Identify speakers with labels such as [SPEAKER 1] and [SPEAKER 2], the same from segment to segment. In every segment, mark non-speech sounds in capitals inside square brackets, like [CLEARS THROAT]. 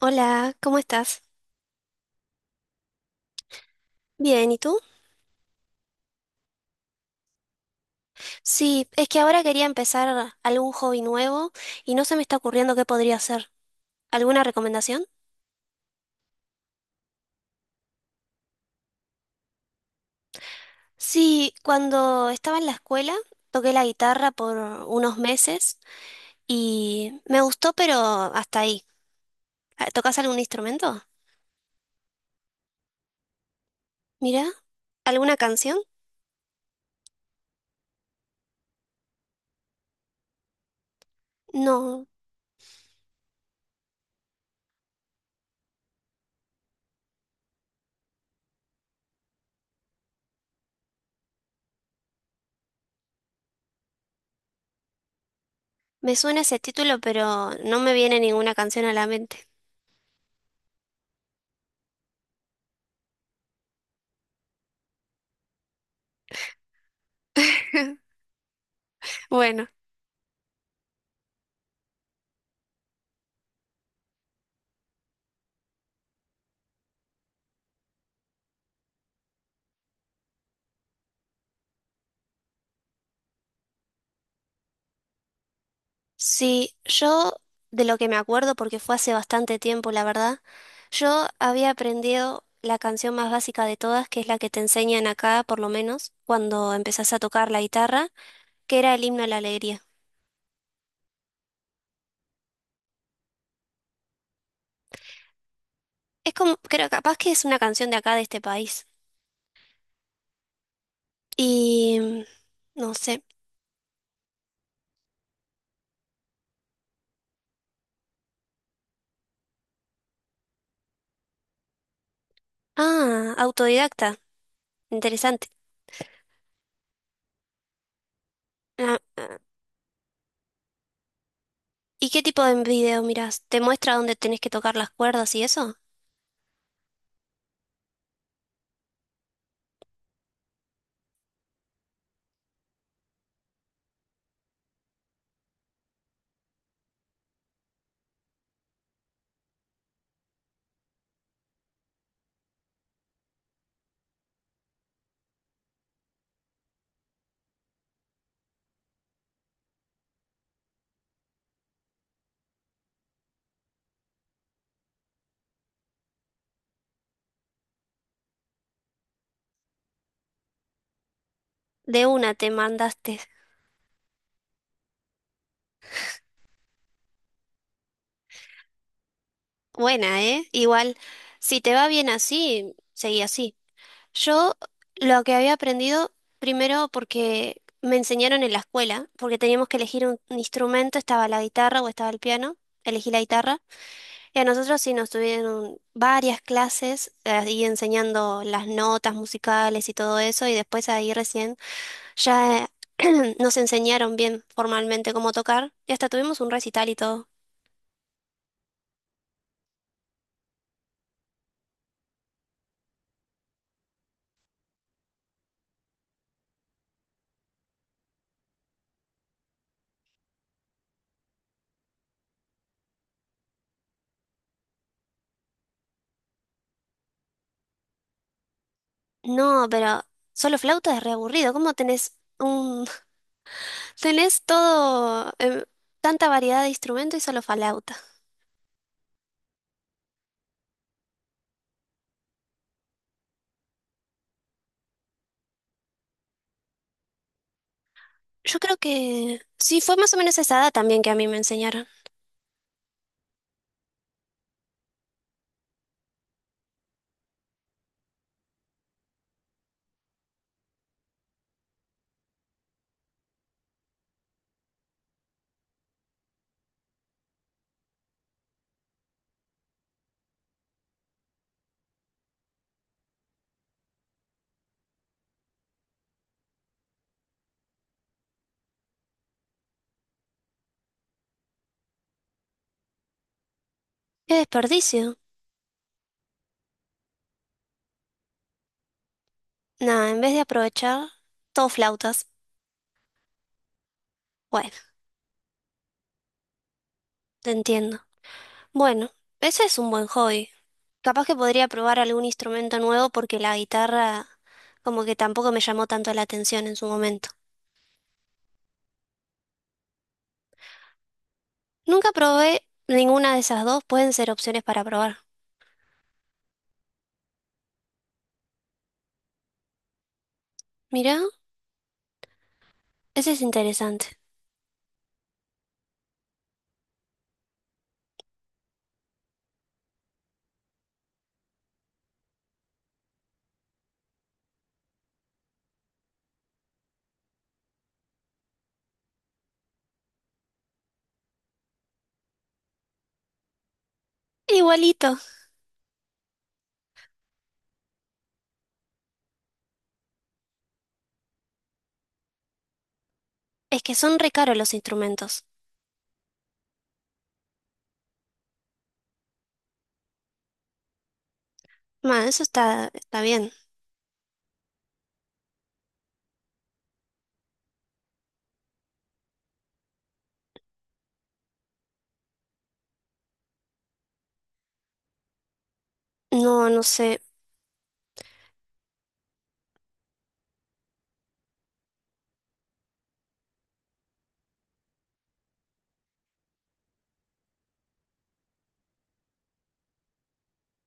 [SPEAKER 1] Hola, ¿cómo estás? Bien, ¿y tú? Sí, es que ahora quería empezar algún hobby nuevo y no se me está ocurriendo qué podría hacer. ¿Alguna recomendación? Sí, cuando estaba en la escuela toqué la guitarra por unos meses y me gustó, pero hasta ahí. Ah, ¿tocas algún instrumento? Mira, ¿alguna canción? No, me suena ese título, pero no me viene ninguna canción a la mente. [LAUGHS] Bueno, sí, yo de lo que me acuerdo, porque fue hace bastante tiempo, la verdad. Yo había aprendido la canción más básica de todas, que es la que te enseñan acá, por lo menos, cuando empezás a tocar la guitarra, que era el himno a la alegría. Es como, creo, capaz que es una canción de acá, de este país. Y no sé. Ah, autodidacta. Interesante. Ah, ah. ¿Y qué tipo de video mirás? ¿Te muestra dónde tenés que tocar las cuerdas y eso? De una te mandaste. Buena, ¿eh? Igual, si te va bien así, seguí así. Yo lo que había aprendido, primero porque me enseñaron en la escuela, porque teníamos que elegir un instrumento, estaba la guitarra o estaba el piano, elegí la guitarra, y a nosotros sí nos tuvieron varias clases ahí enseñando las notas musicales y todo eso, y después ahí recién ya [CLEARS THROAT] nos enseñaron bien formalmente cómo tocar, y hasta tuvimos un recital y todo. No, pero solo flauta es re aburrido, ¿cómo tenés un... Tenés todo, tanta variedad de instrumentos y solo flauta. Yo creo que sí, fue más o menos esa edad también que a mí me enseñaron. Qué desperdicio. Nada, en vez de aprovechar, todo flautas. Bueno, te entiendo. Bueno, ese es un buen hobby. Capaz que podría probar algún instrumento nuevo porque la guitarra como que tampoco me llamó tanto la atención en su momento. Nunca probé ninguna de esas dos, pueden ser opciones para probar. Mirá, ese es interesante. Igualito. Es que son re caros los instrumentos. Bueno, eso está, está bien. No, no sé.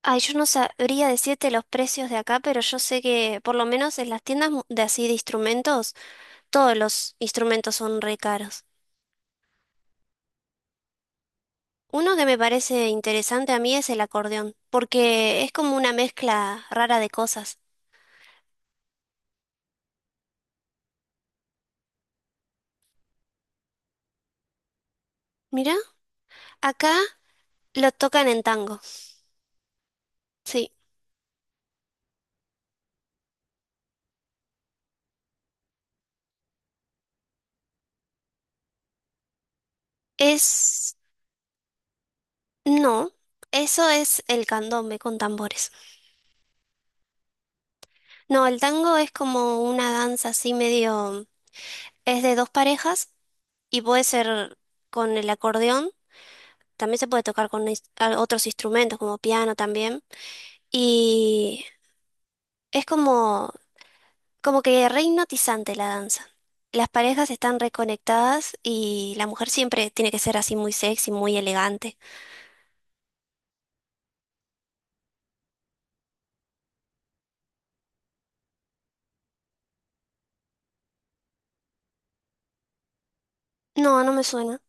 [SPEAKER 1] Ay, yo no sabría decirte los precios de acá, pero yo sé que por lo menos en las tiendas mu- de así de instrumentos, todos los instrumentos son re caros. Uno que me parece interesante a mí es el acordeón, porque es como una mezcla rara de cosas. Mira, acá lo tocan en tango. Sí, es... No, eso es el candombe con tambores. No, el tango es como una danza así medio... Es de dos parejas y puede ser con el acordeón, también se puede tocar con ins- a- otros instrumentos como piano también. Y es como, como que re hipnotizante la danza. Las parejas están reconectadas y la mujer siempre tiene que ser así muy sexy, muy elegante. No, no me suena.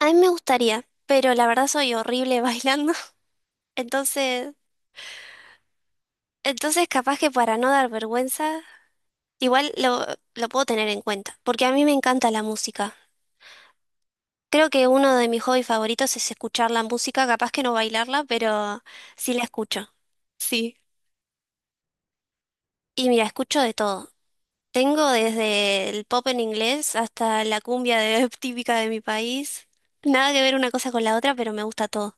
[SPEAKER 1] A mí me gustaría, pero la verdad soy horrible [LAUGHS] bailando. Entonces, entonces capaz que para no dar vergüenza, igual lo puedo tener en cuenta, porque a mí me encanta la música. Creo que uno de mis hobbies favoritos es escuchar la música, capaz que no bailarla, pero sí la escucho, sí. Y mira, escucho de todo. Tengo desde el pop en inglés hasta la cumbia de- [LAUGHS] típica de mi país. Nada que ver una cosa con la otra, pero me gusta todo.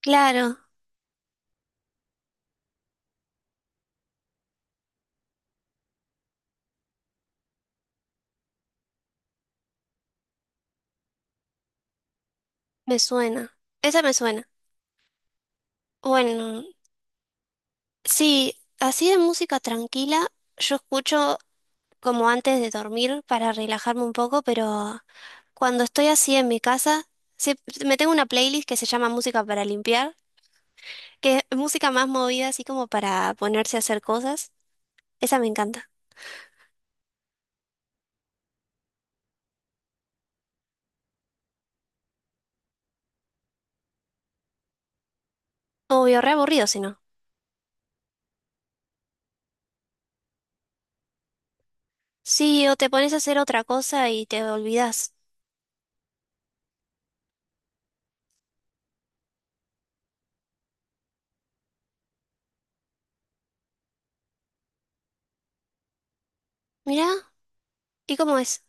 [SPEAKER 1] Claro, me suena. Esa me suena. Bueno, sí, así de música tranquila, yo escucho como antes de dormir para relajarme un poco, pero... Cuando estoy así en mi casa, sie- me tengo una playlist que se llama Música para limpiar, que es música más movida, así como para ponerse a hacer cosas. Esa me encanta. Obvio, re aburrido si no. Sí, o te pones a hacer otra cosa y te olvidas. Mirá, ¿y cómo es?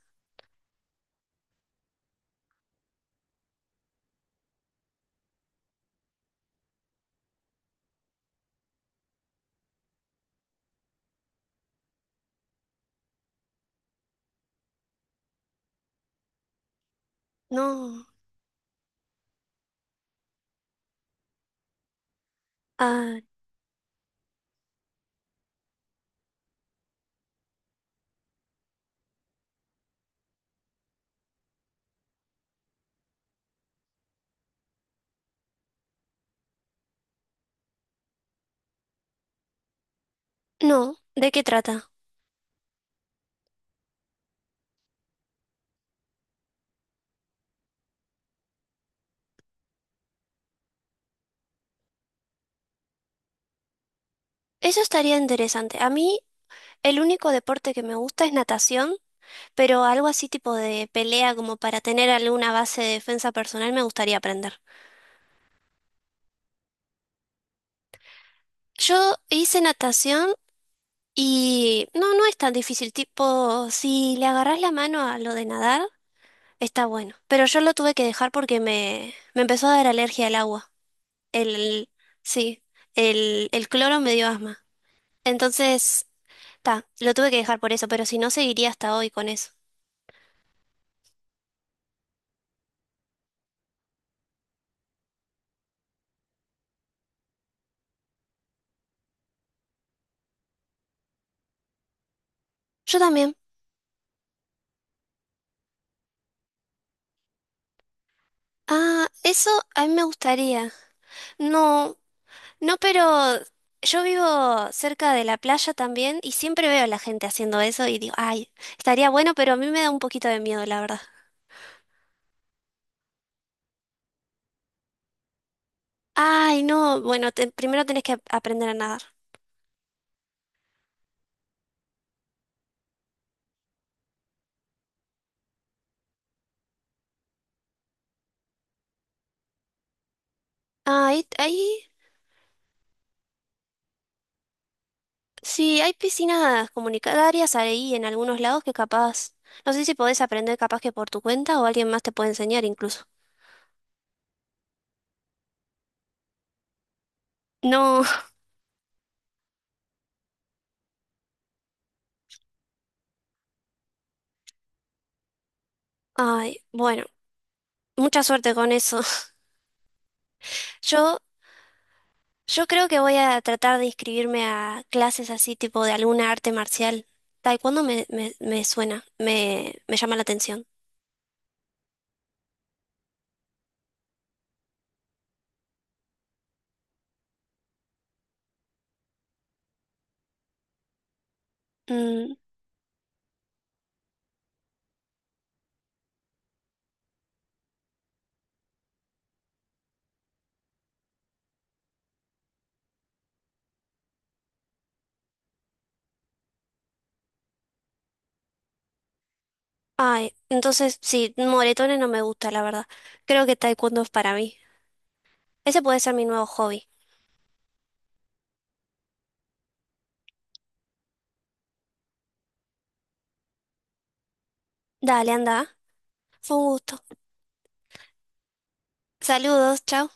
[SPEAKER 1] No. Ah, no. ¿De qué trata? Eso estaría interesante. A mí, el único deporte que me gusta es natación, pero algo así tipo de pelea, como para tener alguna base de defensa personal, me gustaría aprender. Yo hice natación y no, no es tan difícil, tipo, si le agarrás la mano a lo de nadar, está bueno. Pero yo lo tuve que dejar porque me empezó a dar alergia al agua. El, sí, el cloro me dio asma. Entonces, ta, lo tuve que dejar por eso, pero si no, seguiría hasta hoy con eso. Yo también. Ah, eso a mí me gustaría. No, no, pero yo vivo cerca de la playa también y siempre veo a la gente haciendo eso y digo, ay, estaría bueno, pero a mí me da un poquito de miedo, la verdad. Ay, no, bueno, te- primero tenés que ap- aprender a nadar. Ah, ahí, ahí, sí, hay piscinas comunitarias ahí en algunos lados que capaz, no sé si podés aprender capaz que por tu cuenta o alguien más te puede enseñar incluso. No, [LAUGHS] ay, bueno, mucha suerte con eso. [LAUGHS] Yo, yo creo que voy a tratar de inscribirme a clases así tipo de alguna arte marcial. Taekwondo me, me suena, me llama la atención. Mm, ay, entonces sí, moretones no me gusta, la verdad. Creo que taekwondo es para mí. Ese puede ser mi nuevo hobby. Dale, anda. Fue un gusto. Saludos, chao.